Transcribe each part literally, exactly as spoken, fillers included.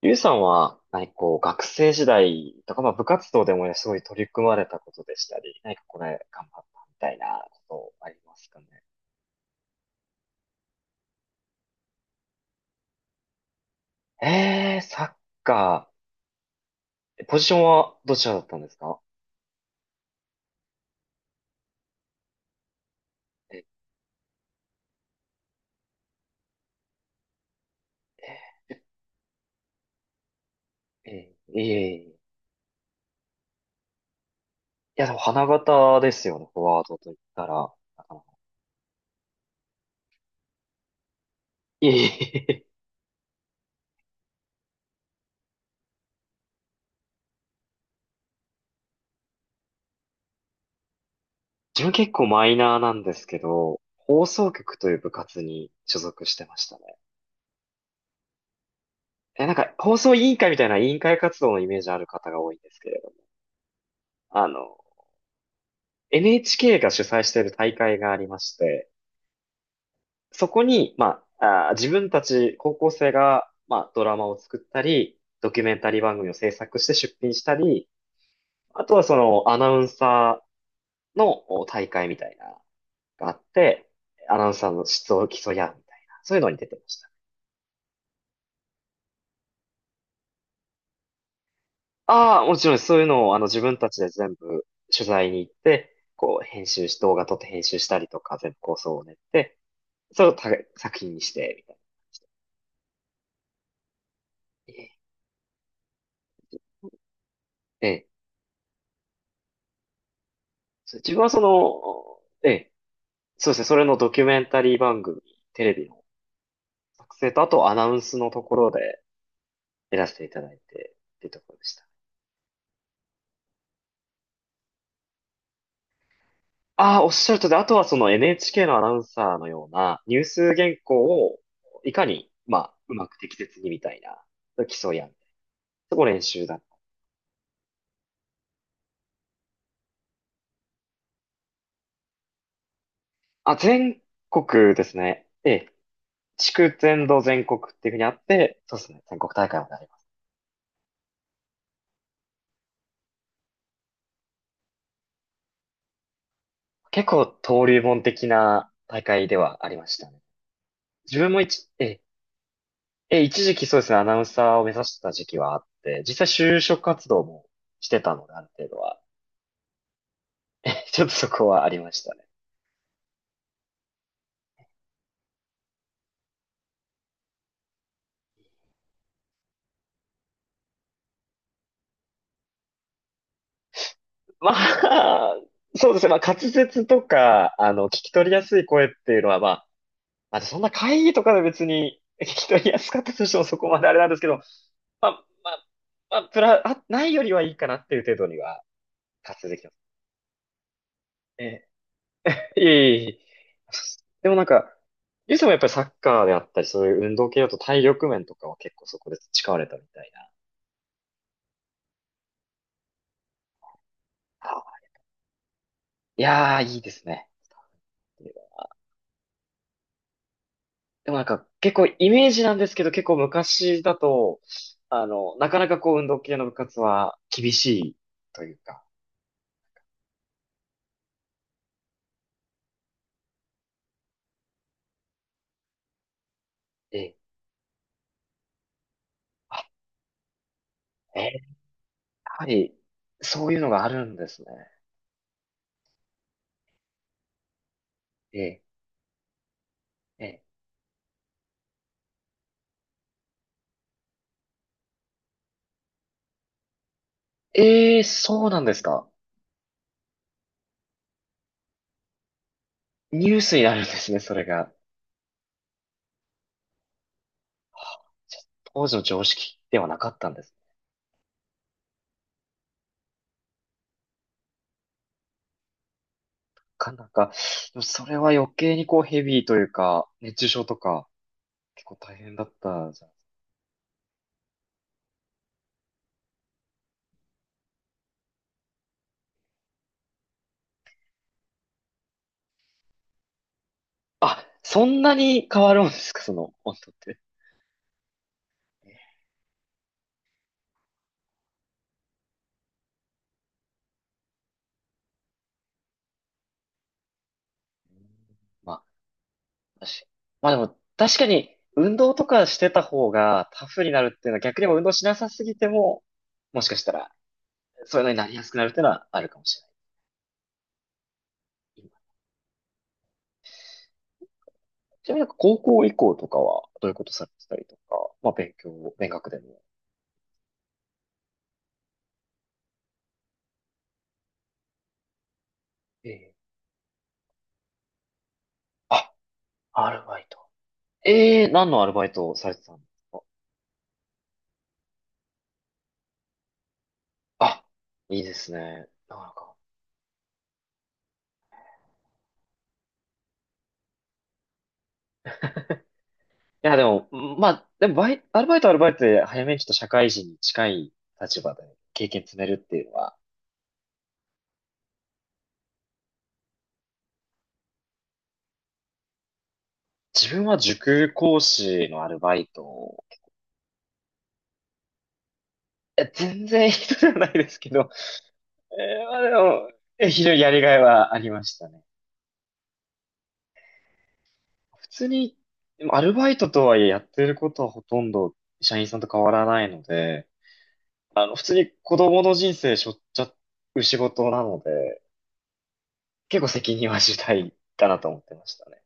ゆうさんは、何かこう、学生時代とか、まあ部活動でもね、すごい取り組まれたことでしたり、何かこれ頑張ったみたいなことありますかね。えー、サッカー。えポジションはどちらだったんですか？え、えー、いえいえいえ。いや、でも花形ですよね、フォワードと言ったら。なかなか、いえいえいえ。自分結構マイナーなんですけど、放送局という部活に所属してましたね。え、なんか、放送委員会みたいな委員会活動のイメージある方が多いんですけれど、あの、エヌエイチケー が主催している大会がありまして、そこに、まあ、あー自分たち高校生が、まあ、ドラマを作ったり、ドキュメンタリー番組を制作して出品したり、あとはそのアナウンサーのお大会みたいなのがあって、アナウンサーの質を競い合うみたいな、そういうのに出てました。ああ、もちろんそういうのをあの自分たちで全部取材に行って、こう編集し、動画撮って編集したりとか、全部構想を練って、それをた作品にして、みたいな感じで。ええ、ええ、そう。自分はその、ええ、そうですね、それのドキュメンタリー番組、テレビの作成と、あとアナウンスのところでやらせていただいて、っていうところでした。ああ、おっしゃるとりで、あとはその エヌエイチケー のアナウンサーのようなニュース原稿をいかに、まあ、うまく適切にみたいな、競い合う。そこ練習だった。あ、全国ですね。ええ、地区全土全国っていうふうにあって、そうですね、全国大会もなります。結構登竜門的な大会ではありましたね。自分も一、ええ、え、一時期そうですね、アナウンサーを目指してた時期はあって、実際就職活動もしてたので、ある程度は。ちょっとそこはありましたね。まあ、そうですね、まあ滑舌とか、あの、聞き取りやすい声っていうのは、まあ、まあそんな会議とかで別に聞き取りやすかったとしてもそこまであれなんですけど、まあ、まあ、まあ、プラ、あ、ないよりはいいかなっていう程度には、滑舌できます。ええ、いえいえいえ。でもなんか、ゆうさんもやっぱりサッカーであったり、そういう運動系だと体力面とかは結構そこで培われたみたいな。あ、いやー、いいですね。でもなんか、結構イメージなんですけど、結構昔だと、あの、なかなかこう運動系の部活は厳しいというか、ええ、あ、ええ、やはり、そういうのがあるんですね。ええ、ええ、ええ、そうなんですか。ニュースになるんですね、それが。はあ、じゃあ当時の常識ではなかったんですね？かなか、でもそれは余計にこうヘビーというか、熱中症とか、結構大変だったじゃん。あ、そんなに変わるんですか、その温度って。うん、まあ、確まあでも、確かに、運動とかしてた方がタフになるっていうのは逆にもう運動しなさすぎても、もしかしたら、そういうのになりやすくなるっていうのはあるかもしれない。今、ちなみになんか高校以降とかは、どういうことされてたりとか、まあ勉強、勉学でも。ええ。あ、アルバイト。ええ、何のアルバイトをされてたんですか？あ、いいですね。なかなか。いや、でも、んまあ、でもバイ、アルバイトはアルバイトで早めにちょっと社会人に近い立場で経験積めるっていうのは、自分は塾講師のアルバイトを、いや全然人じゃないですけど、えーまあでも、え非常にやりがいはありましたね。普通に、でもアルバイトとはいえやってることはほとんど社員さんと変わらないので、普通に子供の人生背負っちゃう仕事なので、結構責任は重大だなと思ってましたね。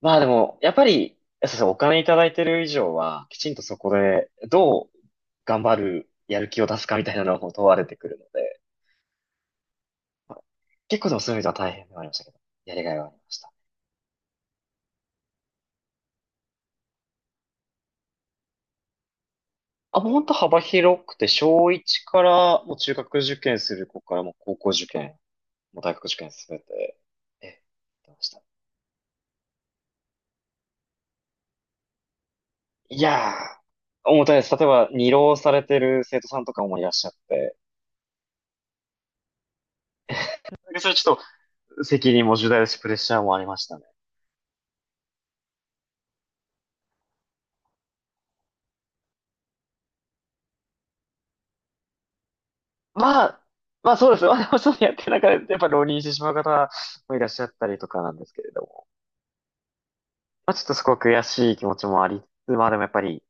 まあでも、やっぱり、そうそう、お金いただいてる以上は、きちんとそこで、どう頑張る、やる気を出すかみたいなのも問われてくるので、まあ結構でもそういう意味では大変ではありましたけど、やりがいはありました。あ、もう本当幅広くて、小いちから、もう中学受験する子から、もう高校受験、もう大学受験すべて、え、やってました。いやー、重たいです。例えば、二浪されてる生徒さんとかもいらっしゃって、でそれちょっと責任も重大ですし、プレッシャーもありましたね。まあ、まあそうですね。まあでもちょっとやってる中で、やっぱ浪人してしまう方もいらっしゃったりとかなんですけれども。まあちょっとすごく悔しい気持ちもありつつ、まあでもやっぱり、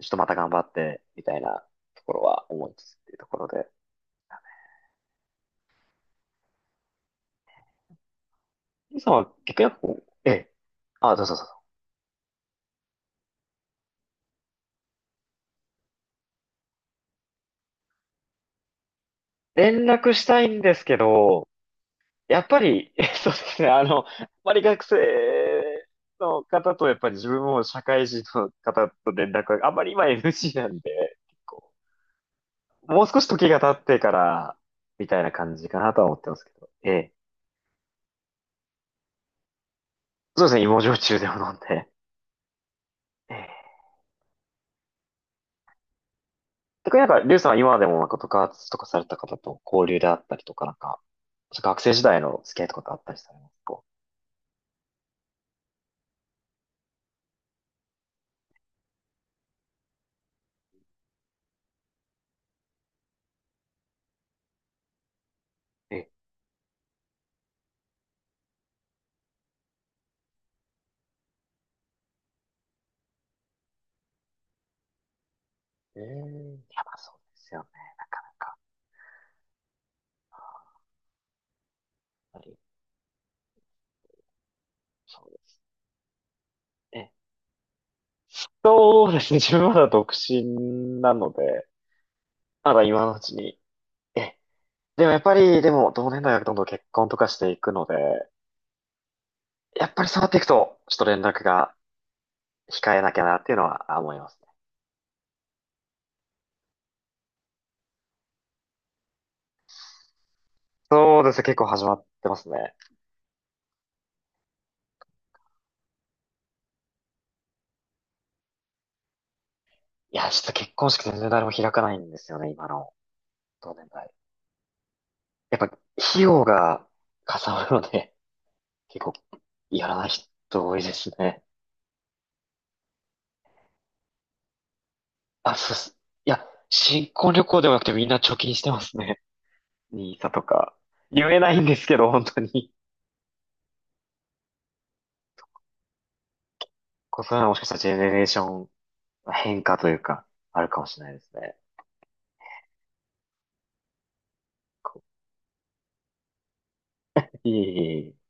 ちょっとまた頑張って、みたいなところは思いつつっていうところで。ゆうさんは逆にこう、ええ。あ、どうぞどうぞ。連絡したいんですけど、やっぱり、えそうですね。あの、あまり学生の方とやっぱり自分も社会人の方と連絡があんまり今 エヌジー なんで、結構もう少し時が経ってから、みたいな感じかなとは思ってますけど。ええ。そうですね、芋焼酎でも飲んで。ええ。特になんか、リュウさんは今でもなんか部活とかされた方と交流であったりとか、なんか、学生時代の付き合いとかってあったりされますか？ええ。ええ、いやばそうですよね、なかなか。やっぱりそうですね。そうですね、自分まだ独身なので、まだ今のうちに。え、でもやっぱり、でも同年代はどんどん結婚とかしていくので、やっぱりそうなっていくと、ちょっと連絡が控えなきゃなっていうのはあ思いますね。そうですね、結構始まってますね。いや、ちょっと結婚式全然誰も開かないんですよね、今の同年代。やっぱ、費用がかさむので、結構、やらない人多いですね。あ、そうっす。いや、新婚旅行でもなくてみんな貯金してますね。ニーサとか。言えないんですけど、本当に。こうそういうのはもしかしたらジェネレーションの変化というか、あるかもしれないですね。こういい。